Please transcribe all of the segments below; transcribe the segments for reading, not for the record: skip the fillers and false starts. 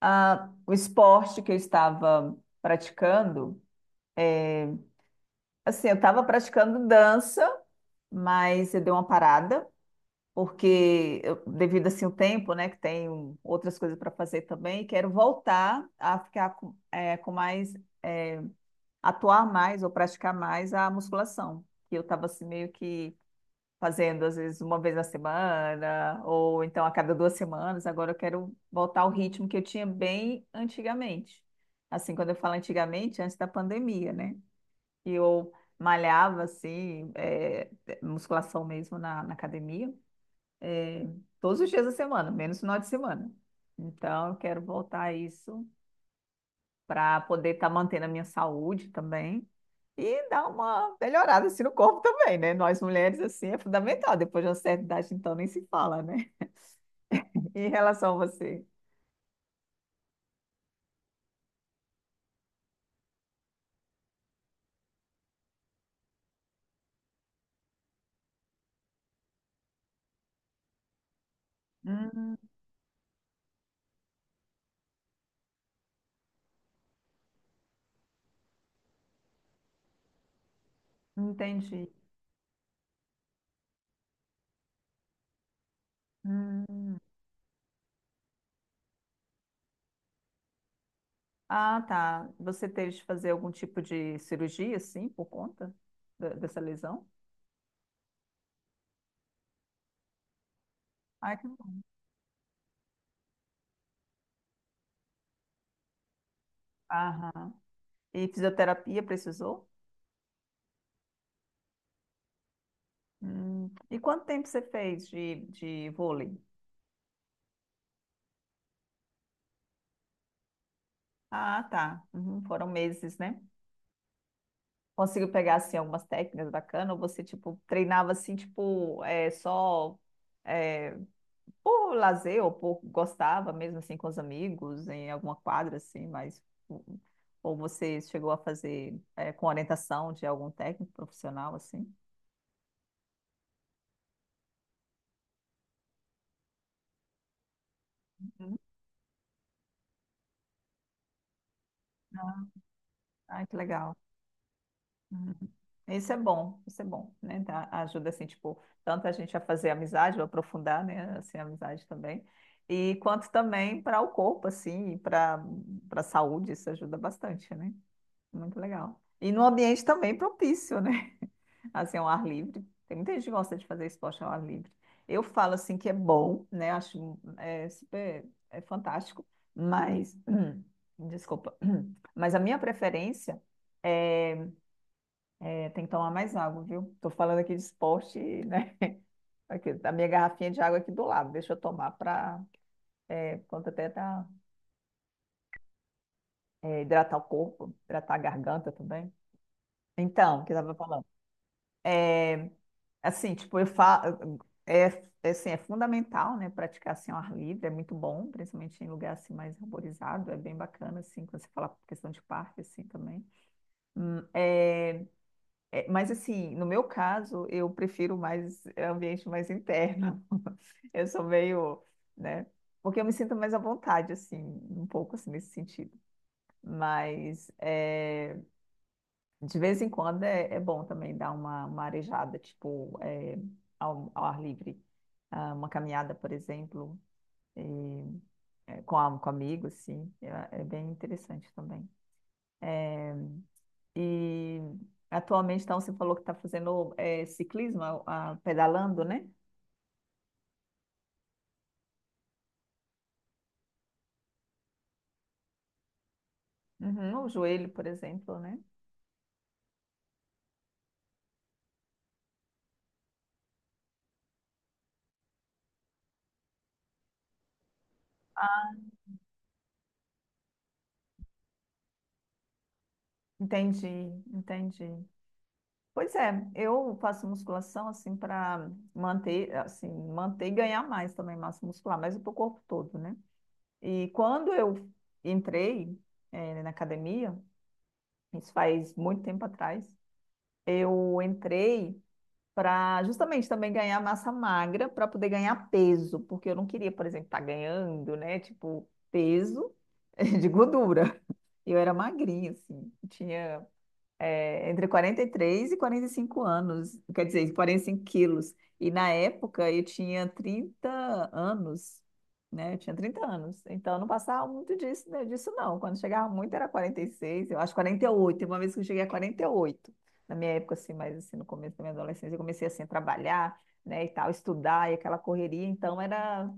O esporte que eu estava praticando. Assim, eu estava praticando dança, mas eu dei uma parada, porque devido assim o tempo, né, que tenho outras coisas para fazer também, quero voltar a ficar com, com mais, atuar mais ou praticar mais a musculação, que eu estava assim meio que fazendo às vezes uma vez na semana, ou então a cada duas semanas. Agora eu quero voltar ao ritmo que eu tinha bem antigamente. Assim, quando eu falo antigamente, antes da pandemia, né? E eu malhava assim, musculação mesmo na, academia, é, todos os dias da semana, menos final de semana. Então eu quero voltar a isso para poder estar mantendo a minha saúde também e dá uma melhorada assim no corpo também, né? Nós mulheres, assim, é fundamental. Depois de uma certa idade, então, nem se fala, né? Em relação a você. Hum, entendi. Hum. Ah, tá. Você teve de fazer algum tipo de cirurgia, assim, por conta dessa lesão? Ai, que bom. Aham. E fisioterapia precisou? Hum. E quanto tempo você fez de, vôlei? Ah, tá. Uhum, foram meses, né? Conseguiu pegar, assim, algumas técnicas bacanas? Ou você, tipo, treinava, assim, tipo, só é, por lazer ou por gostava mesmo, assim, com os amigos, em alguma quadra, assim, mas... hum, hum, ou você chegou a fazer com orientação de algum técnico profissional, assim? Uhum. Ah, que legal. Uhum. Isso é bom, né? Ajuda, assim, tipo, tanto a gente a fazer amizade, ou aprofundar, né, assim, a amizade também, e quanto também para o corpo, assim, para a saúde, isso ajuda bastante, né? Muito legal. E no ambiente também propício, né? Assim, ao ar livre. Tem muita gente que gosta de fazer esporte ao ar livre. Eu falo, assim, que é bom, né? Acho super, é fantástico, mas, desculpa, mas a minha preferência é é. Tem que tomar mais água, viu? Tô falando aqui de esporte, né? Aqui, a minha garrafinha de água é aqui do lado, deixa eu tomar para, quanto até tá, hidratar o corpo, hidratar a garganta também. Então, o que eu tava falando? Assim, tipo, eu falo, é, assim, é fundamental, né? Praticar assim ao ar livre, é muito bom, principalmente em lugar assim mais arborizado, é bem bacana, assim, quando você fala questão de parque, assim, também. Hum, é, mas assim, no meu caso, eu prefiro mais ambiente mais interno. Eu sou meio, né? Porque eu me sinto mais à vontade, assim, um pouco assim nesse sentido. Mas de vez em quando é bom também dar uma, arejada, tipo, ao, ar livre. Ah, uma caminhada, por exemplo, com amigos, sim. É, é bem interessante também. E atualmente, então, você falou que está fazendo ciclismo, ah, pedalando, né? Uhum, o joelho, por exemplo, né? Entendi, entendi. Pois é, eu faço musculação assim para manter, assim, manter e ganhar mais também massa muscular, mas para o corpo todo, né? E quando eu entrei, na academia, isso faz muito tempo atrás, eu entrei para justamente também ganhar massa magra para poder ganhar peso, porque eu não queria, por exemplo, estar ganhando, né? Tipo, peso de gordura. Eu era magrinha, assim, tinha entre 43 e 45 anos, quer dizer, 45 quilos. E na época eu tinha 30 anos, né? Eu tinha 30 anos. Então eu não passava muito disso, né, disso não. Quando chegava muito era 46, eu acho 48. Teve uma vez que eu cheguei a 48. Na minha época, assim, mas assim, no começo da minha adolescência, eu comecei assim a trabalhar, né, e tal, estudar e aquela correria. Então era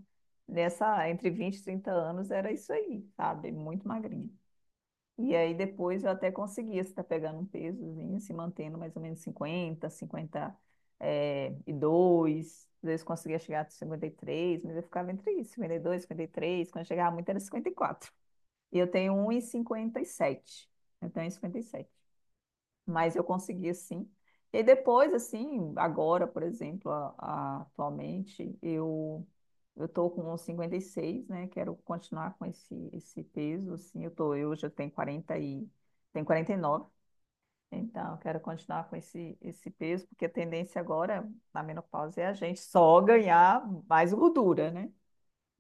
nessa, entre 20 e 30 anos, era isso aí, sabe? Muito magrinha. E aí depois eu até conseguia estar pegando um pesozinho, se mantendo mais ou menos cinquenta, 50 e dois. Às vezes conseguia chegar a 53, mas eu ficava entre isso, cinquenta, 52, 53. Quando chegava muito era 54, e eu tenho 1,57. Eu tenho 1,57, mas eu consegui, sim. E aí depois, assim, agora, por exemplo, atualmente, eu tô com uns 56, né? Quero continuar com esse peso, assim, eu hoje eu tenho 40 e tenho 49, então eu quero continuar com esse peso, porque a tendência agora, na menopausa, é a gente só ganhar mais gordura, né?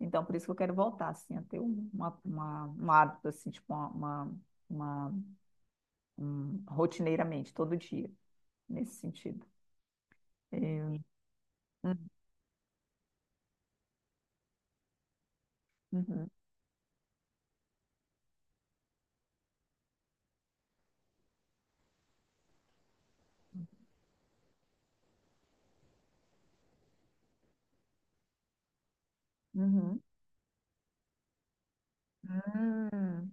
Então, por isso que eu quero voltar, assim, a ter um hábito, assim, tipo, uma- rotineiramente, todo dia nesse sentido. Eu- Uhum, uhum, uhum. Hum,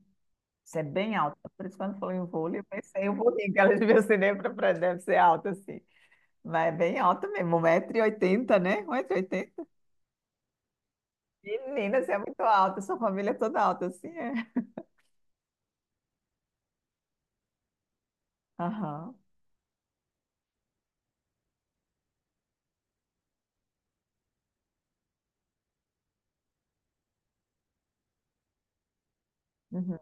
isso é bem alto. Por isso, quando falou em vôlei, eu pensei, eu vou rir, que ela devia ser nem pra frente, deve ser alta, assim. Mas é bem alta mesmo, 1,80 m, né? 1,80 m. Menina, você é muito alta, sua família é toda alta, assim, é. Aham. Uhum.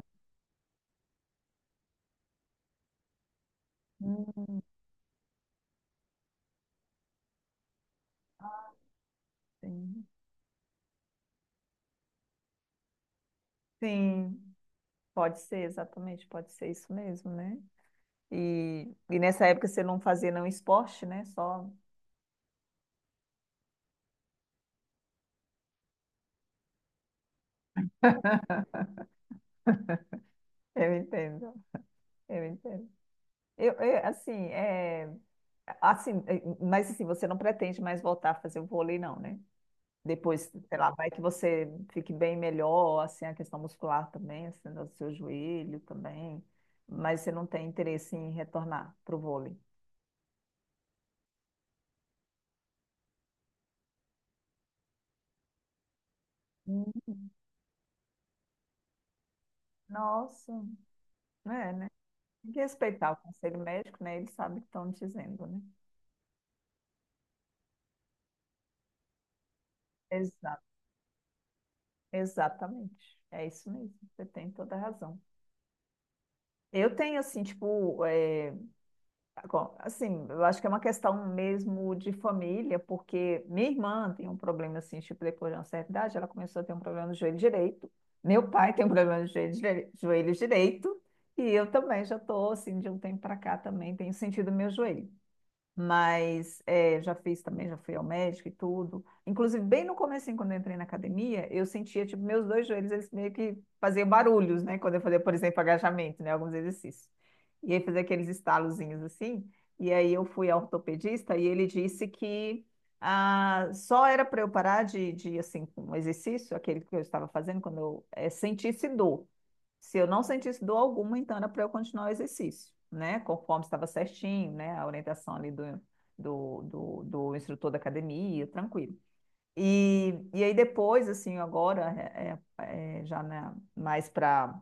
Hum, sim. Sim, pode ser, exatamente, pode ser isso mesmo, né? E nessa época você não fazia nenhum esporte, né? Só. Eu entendo, eu entendo. Assim, assim, mas assim, você não pretende mais voltar a fazer o vôlei, não, né? Depois, sei lá, vai que você fique bem melhor, assim, a questão muscular também, assim, do seu joelho também, mas você não tem interesse em retornar para o vôlei. Hum, Nossa, é, né? Tem que respeitar o conselho médico, né? Eles sabem o que estão dizendo, né? Exa- exatamente. É isso mesmo. Você tem toda a razão. Eu tenho, assim, tipo, tá bom, assim, eu acho que é uma questão mesmo de família, porque minha irmã tem um problema assim, tipo, depois de uma certa idade, ela começou a ter um problema no joelho direito. Meu pai tem um problema no joelho, joelho direito, e eu também já estou assim de um tempo para cá também tenho sentido meu joelho. Mas já fiz também, já fui ao médico e tudo. Inclusive, bem no começo, quando eu entrei na academia, eu sentia, tipo, meus dois joelhos, eles meio que faziam barulhos, né? Quando eu fazia, por exemplo, agachamento, né? Alguns exercícios. E aí fazia aqueles estalozinhos assim. E aí eu fui ao ortopedista e ele disse que ah, só era para eu parar de, assim, um exercício, aquele que eu estava fazendo, quando eu sentisse dor. Se eu não sentisse dor alguma, então era para eu continuar o exercício, né? Conforme estava certinho, né? A orientação ali do instrutor da academia, tranquilo. E aí depois, assim, agora, já né, mais para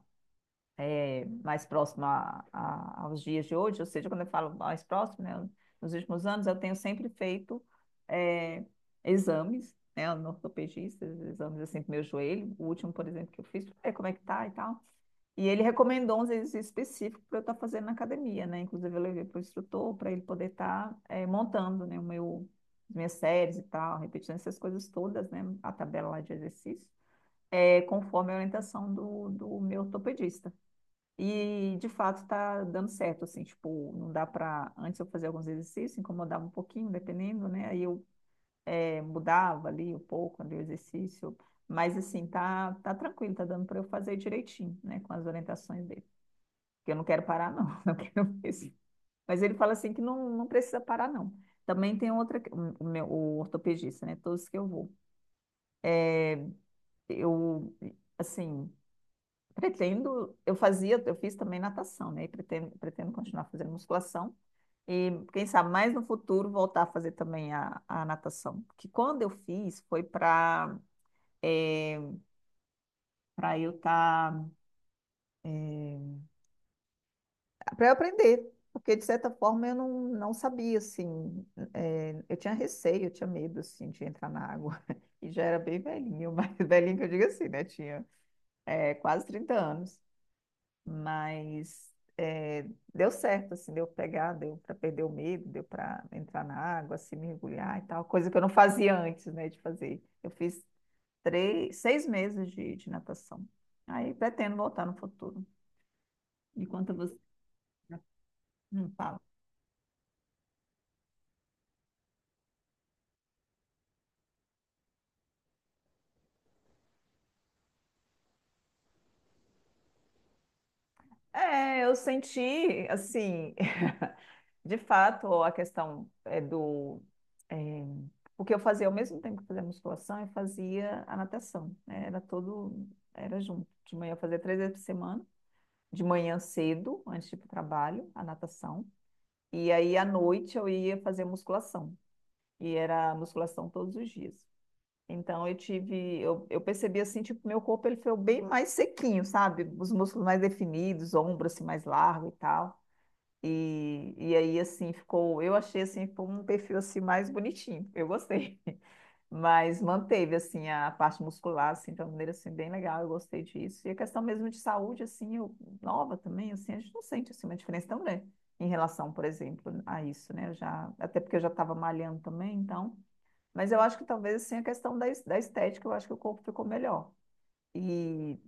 mais próximo aos dias de hoje, ou seja, quando eu falo mais próximo, né, nos últimos anos, eu tenho sempre feito é, exames, né, no ortopedista, exames assim do meu joelho. O último, por exemplo, que eu fiz, é como é que tá e tal. E ele recomendou uns exercícios específicos para eu estar fazendo na academia, né? Inclusive, eu levei para o instrutor para ele poder estar montando, né, as minhas séries e tal, repetindo essas coisas todas, né? A tabela lá de exercício, conforme a orientação do meu ortopedista. E, de fato, está dando certo, assim, tipo, não dá para. Antes eu fazia alguns exercícios, incomodava um pouquinho, dependendo, né? Aí eu mudava ali um pouco, ali o exercício, mas, assim, tá tranquilo, tá dando para eu fazer direitinho, né? Com as orientações dele que eu não quero parar, não, não quero mesmo. Mas ele fala assim que não, não precisa parar, não. Também tem outra, o ortopedista, né? Todos que eu vou. Eu, assim, pretendo, eu fazia, eu fiz também natação, né? E pretendo continuar fazendo musculação. E quem sabe mais no futuro voltar a fazer também a, natação. Que quando eu fiz foi para é, para eu estar tá, é, para eu aprender, porque de certa forma eu não sabia, assim, eu tinha receio, eu tinha medo, assim, de entrar na água, e já era bem velhinho, mas velhinho que eu digo assim, né, tinha quase 30 anos, mas deu certo, assim, deu pegar, deu para perder o medo, deu para entrar na água, se mergulhar e tal, coisa que eu não fazia antes, né, de fazer. Eu fiz 3, 6 meses de, natação, aí pretendo voltar no futuro. E quanto a você, não. É, eu senti, assim, de fato, a questão é do. é, Porque eu fazia, ao mesmo tempo que fazia musculação, eu fazia a natação, né? Era todo. Era junto. De manhã eu fazia três vezes por semana, de manhã cedo, antes de ir para o trabalho, a natação. E aí, à noite, eu ia fazer musculação. E era musculação todos os dias. Então, eu tive. Eu percebi, assim, tipo, meu corpo ele foi bem mais sequinho, sabe? Os músculos mais definidos, ombro, assim, mais largo e tal. E aí, assim, ficou. Eu achei, assim, ficou um perfil assim mais bonitinho. Eu gostei. Mas manteve, assim, a parte muscular, assim, de uma maneira, assim, bem legal. Eu gostei disso. E a questão mesmo de saúde, assim, eu, nova também, assim, a gente não sente, assim, uma diferença tão grande em relação, por exemplo, a isso, né? Eu já, até porque eu já estava malhando também, então. Mas eu acho que talvez, assim, a questão da estética, eu acho que o corpo ficou melhor. E,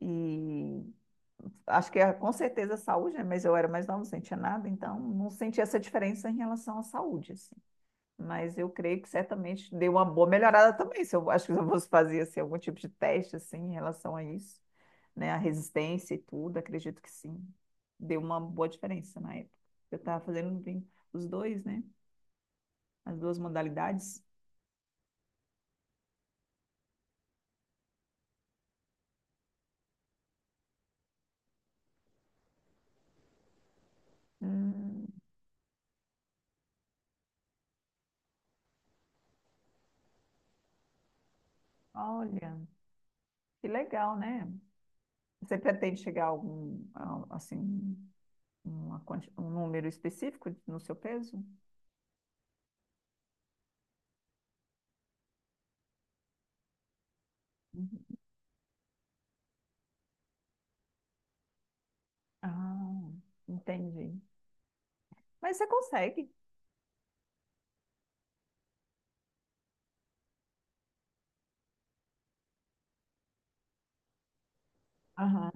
e acho que é com certeza saúde, né? Mas eu era mais nova, não sentia nada, então não senti essa diferença em relação à saúde, assim. Mas eu creio que certamente deu uma boa melhorada também. Se eu acho que eu fosse fazer assim, algum tipo de teste assim em relação a isso, né, a resistência e tudo, acredito que sim. Deu uma boa diferença na época. Eu estava fazendo os dois, né? As duas modalidades. Hum, olha, que legal, né? Você pretende chegar a algum, a- assim, uma quanti- um número específico no seu peso? Uhum. Ah, entendi. Mas você consegue, aham.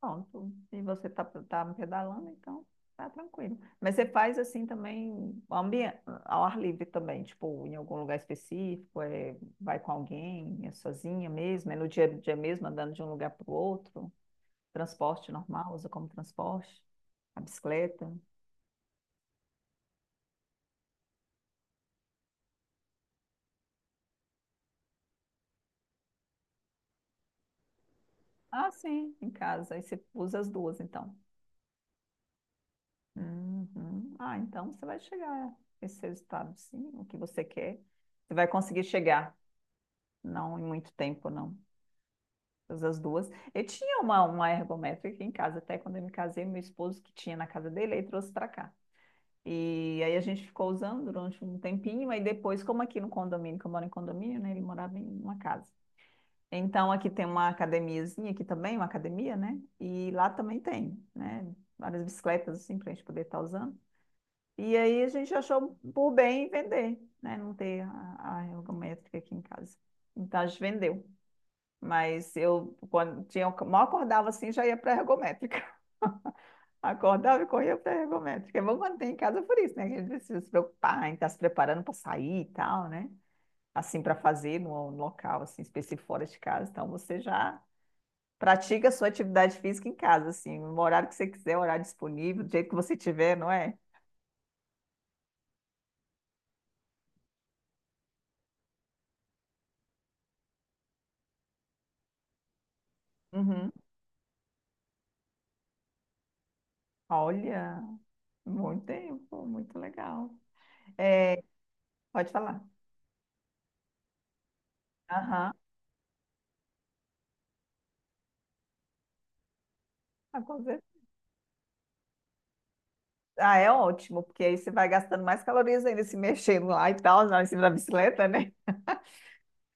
Pronto. E você tá pedalando, então tá tranquilo. Mas você faz assim também ao ar livre também, tipo, em algum lugar específico, é, vai com alguém, é sozinha mesmo, é no dia a dia mesmo, andando de um lugar para o outro, transporte normal, usa como transporte, a bicicleta. Ah, sim, em casa. Aí você usa as duas, então. Uhum. Ah, então você vai chegar a esse resultado, sim, o que você quer. Você vai conseguir chegar, não em muito tempo, não. Todas as duas. Eu tinha uma ergométrica aqui em casa, até quando eu me casei, meu esposo que tinha na casa dele, aí trouxe para cá. E aí a gente ficou usando durante um tempinho, aí depois, como aqui no condomínio, que eu moro em condomínio, né? Ele morava em uma casa. Então aqui tem uma academiazinha aqui também, uma academia, né? E lá também tem, né? Várias bicicletas assim para a gente poder estar usando. E aí a gente achou por bem vender, né? Não ter a ergométrica aqui em casa. Então a gente vendeu. Mas eu, quando tinha, mal acordava assim, já ia para a ergométrica. Acordava e corria para a ergométrica. É bom quando tem em casa por isso, né? Que a gente precisa se preocupar em estar se preparando para sair e tal, né? Assim, para fazer no local, assim, específico fora de casa. Então você já pratica a sua atividade física em casa, assim, no horário que você quiser, horário disponível, do jeito que você tiver, não é? Uhum. Olha. Muito tempo, muito legal. É, pode falar. Aham, ah, com certeza. Ah, é ótimo, porque aí você vai gastando mais calorias ainda se mexendo lá e tal, lá em cima da bicicleta, né?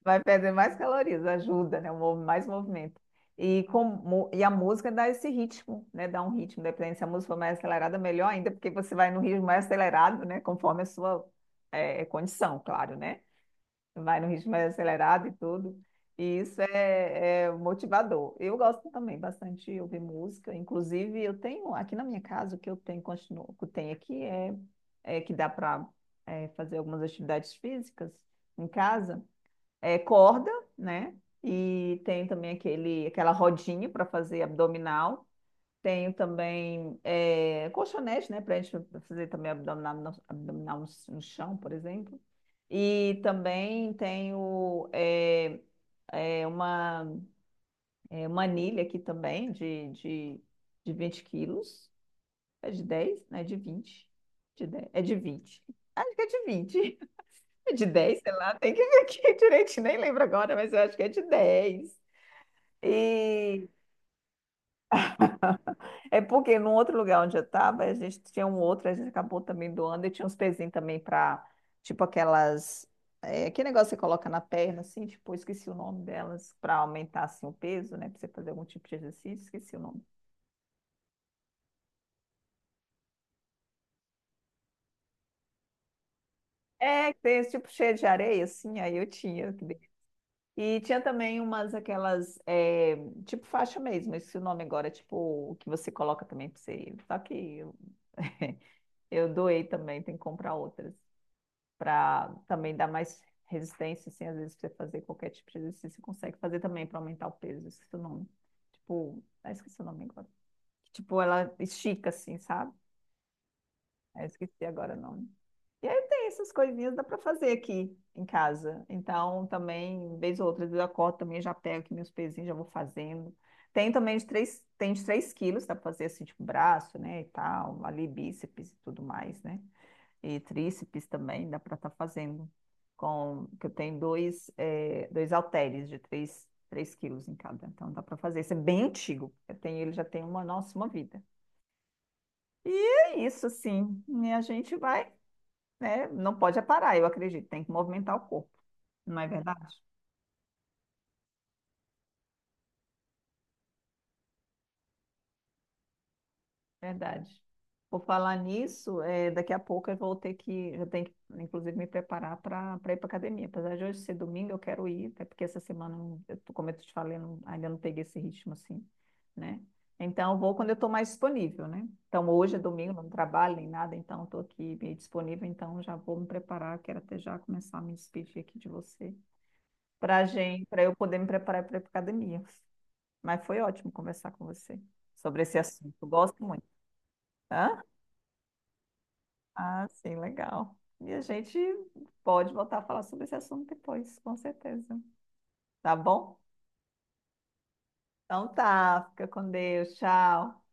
Vai perder mais calorias, ajuda, né? Um mov- mais movimento. E, com, mu- e a música dá esse ritmo, né? Dá um ritmo, dependendo se a música for mais acelerada, melhor ainda, porque você vai no ritmo mais acelerado, né? Conforme a sua condição, claro, né? Vai no ritmo mais acelerado e tudo. E isso é motivador. Eu gosto também bastante de ouvir música. Inclusive, eu tenho aqui na minha casa, o que eu tenho, continuo, o que eu tenho aqui é, é que dá para fazer algumas atividades físicas em casa. É corda, né? E tem também aquele, aquela rodinha para fazer abdominal. Tenho também colchonete, né, para a gente fazer também abdominal no, no chão, por exemplo. E também tenho eh, uma, uma anilha aqui também de 20 quilos. É de 10, né? De 20? De 10? É de 20. Acho que é de 20. É de 10? Sei lá, tem que ver aqui direitinho, nem lembro agora, mas eu acho que é de 10. E é porque no outro lugar onde eu estava, a gente tinha um outro, a gente acabou também doando e tinha uns pezinhos também para, tipo aquelas, é, que negócio que você coloca na perna, assim, tipo, eu esqueci o nome delas, para aumentar, assim, o peso, né, para você fazer algum tipo de exercício, esqueci o nome. É, que tem esse tipo cheio de areia, assim, aí eu tinha, que dei. E tinha também umas aquelas, é, tipo faixa mesmo, esse o nome agora, tipo, o que você coloca também para você ir. Só que eu, eu doei também, tem que comprar outras, para também dar mais resistência, assim, às vezes você fazer qualquer tipo de exercício, você consegue fazer também para aumentar o peso, esqueci o nome. Tipo, ah, esqueci o nome agora. Tipo, ela estica assim, sabe? Ah, esqueci agora o nome. E aí tem essas coisinhas, dá para fazer aqui em casa. Então, também, vez ou outra, às vezes eu acordo também, já pego aqui meus pezinhos, já vou fazendo. Tem também de 3 tem de 3 quilos, dá para fazer assim, tipo, braço, né, e tal, ali bíceps e tudo mais, né? E tríceps também, dá para estar fazendo. Com, que eu tenho dois, é, dois halteres de 3 3 quilos em cada. Então dá para fazer. Isso é bem antigo. Eu tenho, ele já tem uma, nossa, uma vida. E é isso, assim. E a gente vai, né? Não pode é parar, eu acredito. Tem que movimentar o corpo, não é verdade? Verdade. Por falar nisso, daqui a pouco eu vou ter que, eu tenho que, inclusive, me preparar para ir para academia. Apesar de hoje ser domingo, eu quero ir, até porque essa semana, eu não- eu tô- como eu te falei, eu não- ainda não peguei esse ritmo assim, né? Então, eu vou quando eu estou mais disponível, né? Então, hoje é domingo, não trabalho nem nada, então estou aqui meio disponível, então já vou me preparar. Quero até já começar a me despedir aqui de você, para gente, para eu poder me preparar para ir para academia. Mas foi ótimo conversar com você sobre esse assunto. Eu gosto muito. Hã? Ah, sim, legal. E a gente pode voltar a falar sobre esse assunto depois, com certeza. Tá bom? Então tá, fica com Deus, tchau.